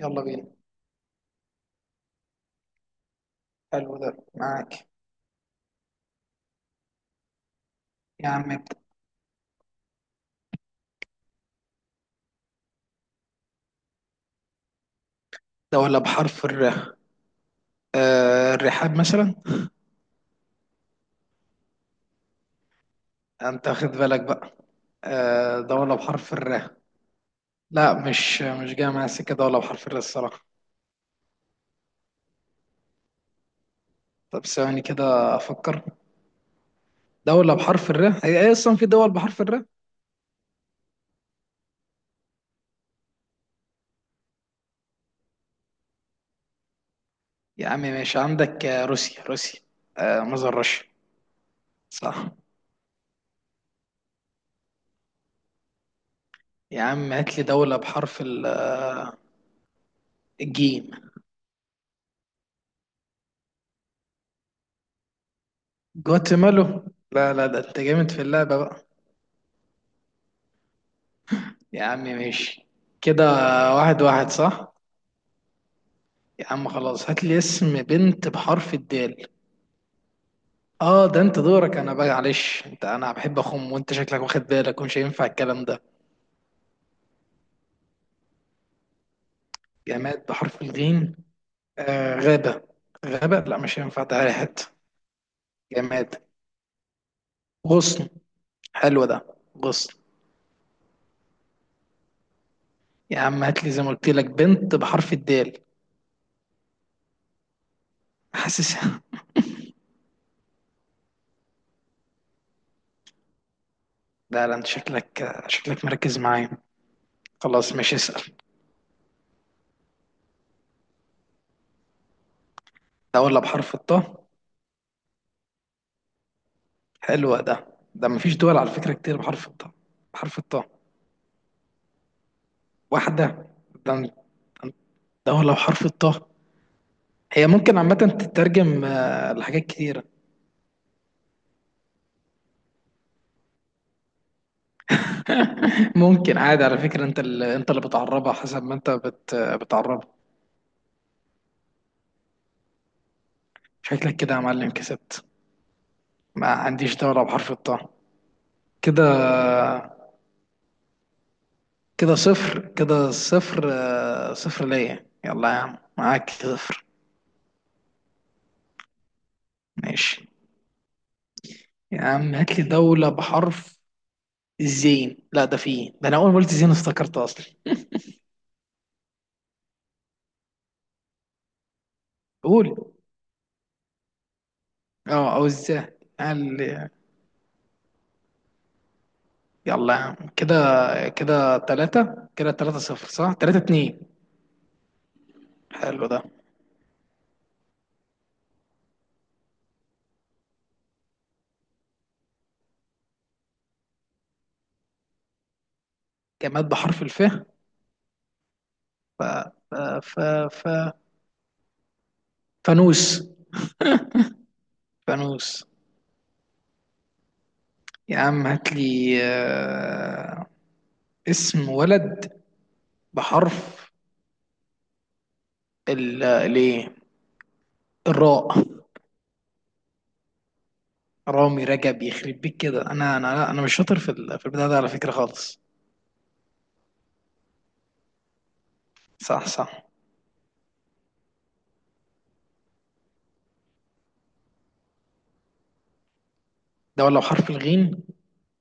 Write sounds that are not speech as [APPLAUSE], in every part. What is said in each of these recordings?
يلا بينا. حلو ده معاك. يا عم ابدأ. دولة بحرف الر؟ آه، الرحاب مثلا. انت واخد بالك بقى؟ آه، دولة بحرف الر. لا، مش جاية معايا سكة دولة بحرف الر الصراحة. طب ثواني كده افكر. دولة بحرف الر، هي اصلا في دول بحرف الر؟ يا عم ماشي. عندك روسيا، روسيا. آه، مصدر روسيا. صح. يا عم هات لي دولة بحرف الجيم. جواتيمالا؟ لا لا، ده انت جامد في اللعبة بقى. يا عم ماشي. كده واحد واحد صح. يا عم خلاص، هات لي اسم بنت بحرف الدال. اه ده انت دورك. انا بقى معلش انت، انا بحب اخم، وانت شكلك واخد بالك ومش هينفع الكلام ده. جماد بحرف الغين؟ آه، غابة. غابة لا مش هينفع، تعالى حتة. جماد. غصن. حلو ده غصن. يا عم هات لي زي ما قلت لك بنت بحرف الدال. حاسس. لا لا، انت شكلك مركز معايا. خلاص ماشي اسأل. ده ولا بحرف الطاء؟ حلو ده. ده مفيش دول على فكرة كتير بحرف الطاء. بحرف الطاء؟ واحدة؟ ده، دولة بحرف الطاء. هي ممكن عامة تترجم لحاجات كتيرة. [LAUGHS] ممكن عادي على فكرة، انت اللي بتعربها حسب ما انت بتعربها. شكلك كده يا معلم كسبت. ما عنديش دولة بحرف الطاء. كده صفر صفر ليا، يلا يا عم معاك صفر. ماشي. يا عم هات لي دولة بحرف الزين. لا، ده فيه، ده انا اول ما قلت زين افتكرته اصلا. قول. اه او الزين. قال. يلا يا عم. كده تلاتة صفر، صح، تلاتة اتنين. حلو ده. جماد بحرف الف. ف ف ف ف فانوس. فانوس. يا عم هات لي اسم ولد بحرف ال الايه... الراء. رامي، رجب، يخرب بيك كده. انا لا، انا مش شاطر في في البتاع ده على فكرة خالص. صح صح. ده ولو حرف الغين.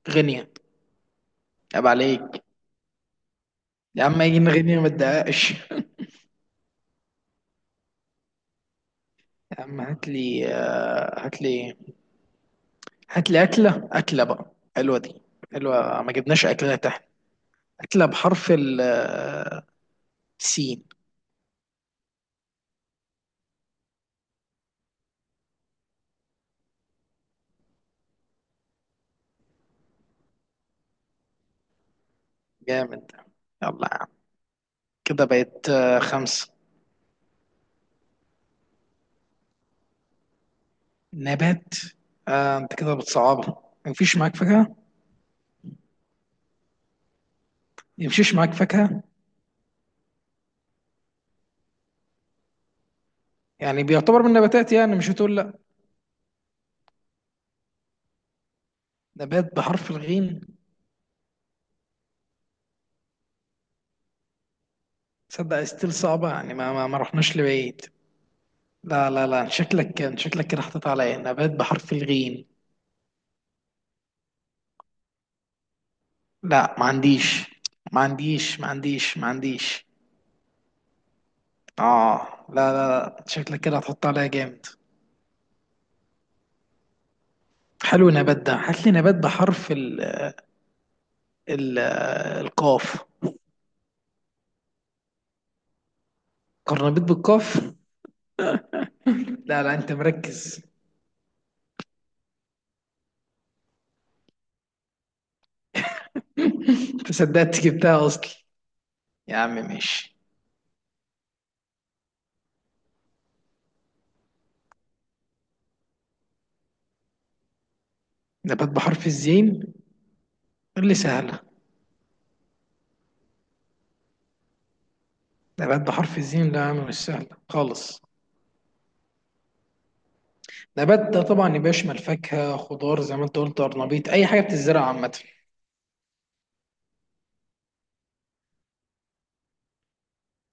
غينيا. عيب عليك. يا عم يجي غينيا، ما تدققش. يا عم هات لي هات لي اكله. اكله بقى حلوه دي. حلوه، ما جبناش اكله تحت. اكله بحرف ال آه، سين. جامد ده. يلا يا عم. كده بقت خمسه. نبات؟ آه، انت كده بتصعبها، مفيش معاك فاكهه؟ مفيش معاك فاكهه. يعني بيعتبر من النباتات، يعني مش هتقول لا. نبات بحرف الغين. تصدق ستيل صعبه، يعني ما رحناش لبعيد. لا لا لا، شكلك كان، شكلك كده حطيت عليا نبات بحرف الغين. لا ما عنديش. ما عنديش، ما عنديش، ما عنديش. اه لا لا لا، شكلك كده هتحط عليا جامد. حلو النبات ده. هات لي نبات بحرف ال القاف. قرنبيط بالقاف. لا لا، انت مركز. [LAUGHS] انت صدقت جبتها اصلا. يا عم ماشي. نبات بحرف الزين؟ اللي سهله. نبات بحرف الزين لا يا عم مش سهله خالص. نبات ده طبعا يبقى يشمل فاكهة، خضار، زي ما انت قلت أرنبيط، أي حاجة بتتزرع عامة.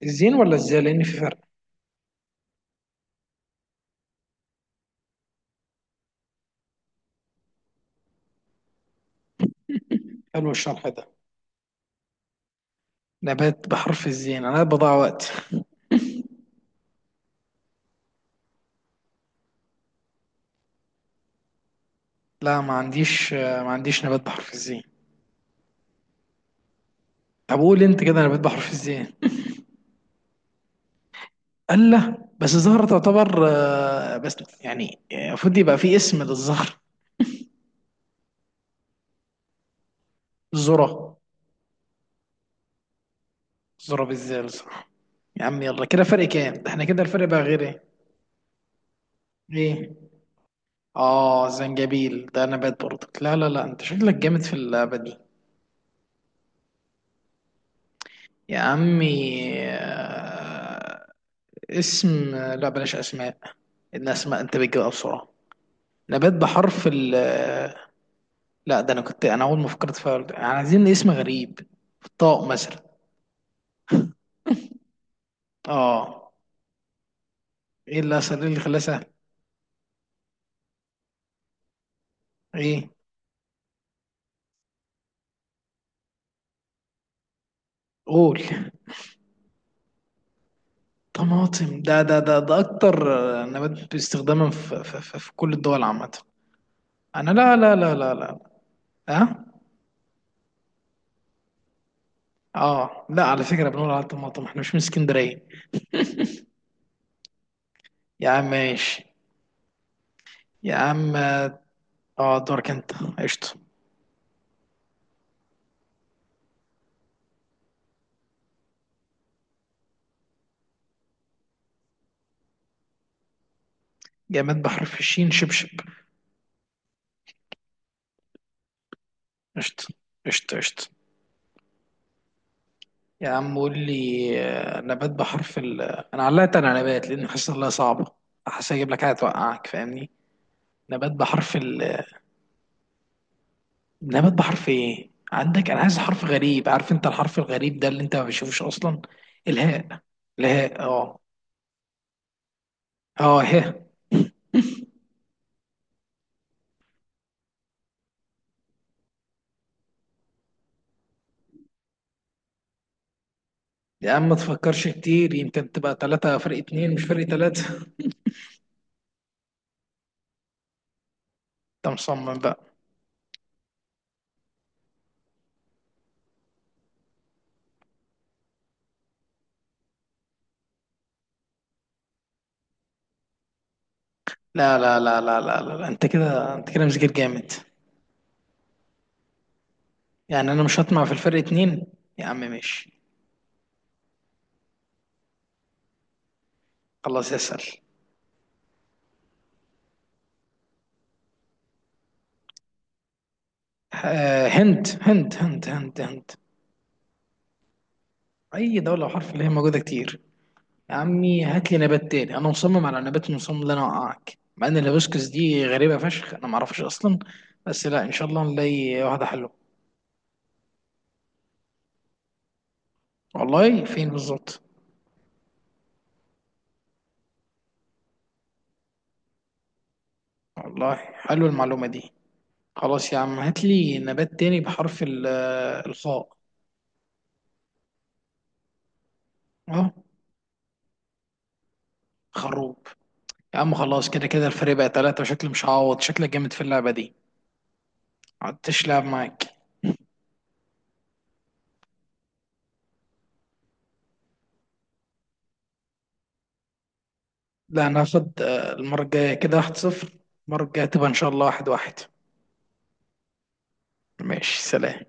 الزين ولا الزا؟ لأن في فرق. حلو الشرح ده. نبات بحرف الزين، أنا بضيع وقت. لا، ما عنديش. ما عنديش نبات بحرف الزين. طب قول أنت كده نبات بحرف الزين. ألا بس الزهرة تعتبر بس... يعني المفروض يبقى في اسم للزهر. الذرة. الذرة بالزال صح. يا عم يلا، كده فرق كام ده؟ احنا كده الفرق بقى غير ايه؟ ايه؟ اه زنجبيل ده نبات برضك. لا لا لا، انت شكلك جامد في اللعبة دي. يا عمي، آه، اسم آه، لا بلاش اسماء. الاسماء انت بتجيبها بسرعه. نبات بحرف ال آه، لا ده انا كنت، انا اول ما فكرت فيها يعني عايزين اسم غريب. طاق مثلا. اه. ايه اللي اسهل؟ إيه اللي خلاه سهل؟ ايه؟ قول. طماطم؟ ده اكتر نبات استخداما في كل الدول عامه. انا لا لا لا لا لا. ها. اه لا، على فكره بنقول على الطماطم، احنا مش من اسكندريه. يا عم ماشي. يا عم. اه دورك انت. قشطة. جماد بحر في الشين؟ شبشب. قشطة. قشطة، قشطة. يا عم قول لي نبات بحرف ال. انا علقت على نبات لان حاسس انها صعبة. حاسس اجيب لك حاجة توقعك، فاهمني؟ نبات بحرف ال. نبات بحرف ايه عندك؟ انا عايز حرف غريب، عارف انت الحرف الغريب ده اللي انت ما بتشوفوش اصلا. الهاء. الهاء اه. اه، ها. يا عم ما تفكرش كتير، يمكن تبقى ثلاثة فرق اتنين مش فرق ثلاثة. انت مصمم بقى. لا لا لا لا لا لا، لا. انت كده، انت كده مذاكر جامد. يعني انا مش هطمع في الفرق اتنين. يا عم ماشي. خلاص اسأل. هند، هند، هند، هند، هند. اي دولة وحرف اللي هي موجودة كتير. يا عمي هات لي نبات تاني. انا مصمم على نبات، مصمم ان انا اوقعك، مع ان الهيبسكس دي غريبة فشخ، انا معرفش اصلا. بس لا، ان شاء الله نلاقي واحدة حلوة. والله فين بالظبط؟ والله حلوة المعلومة دي. خلاص يا عم هات لي نبات تاني بحرف الخاء. اه. خروب. يا عم خلاص، كده كده الفريق بقى تلاتة وشكلي مش هعوض، شكلك جامد في اللعبة دي. عدتش لعب معاك. لا انا هاخد المرة الجاية. كده واحد صفر. المرة الجاية تبقى ان شاء الله واحد واحد. ماشي سلام.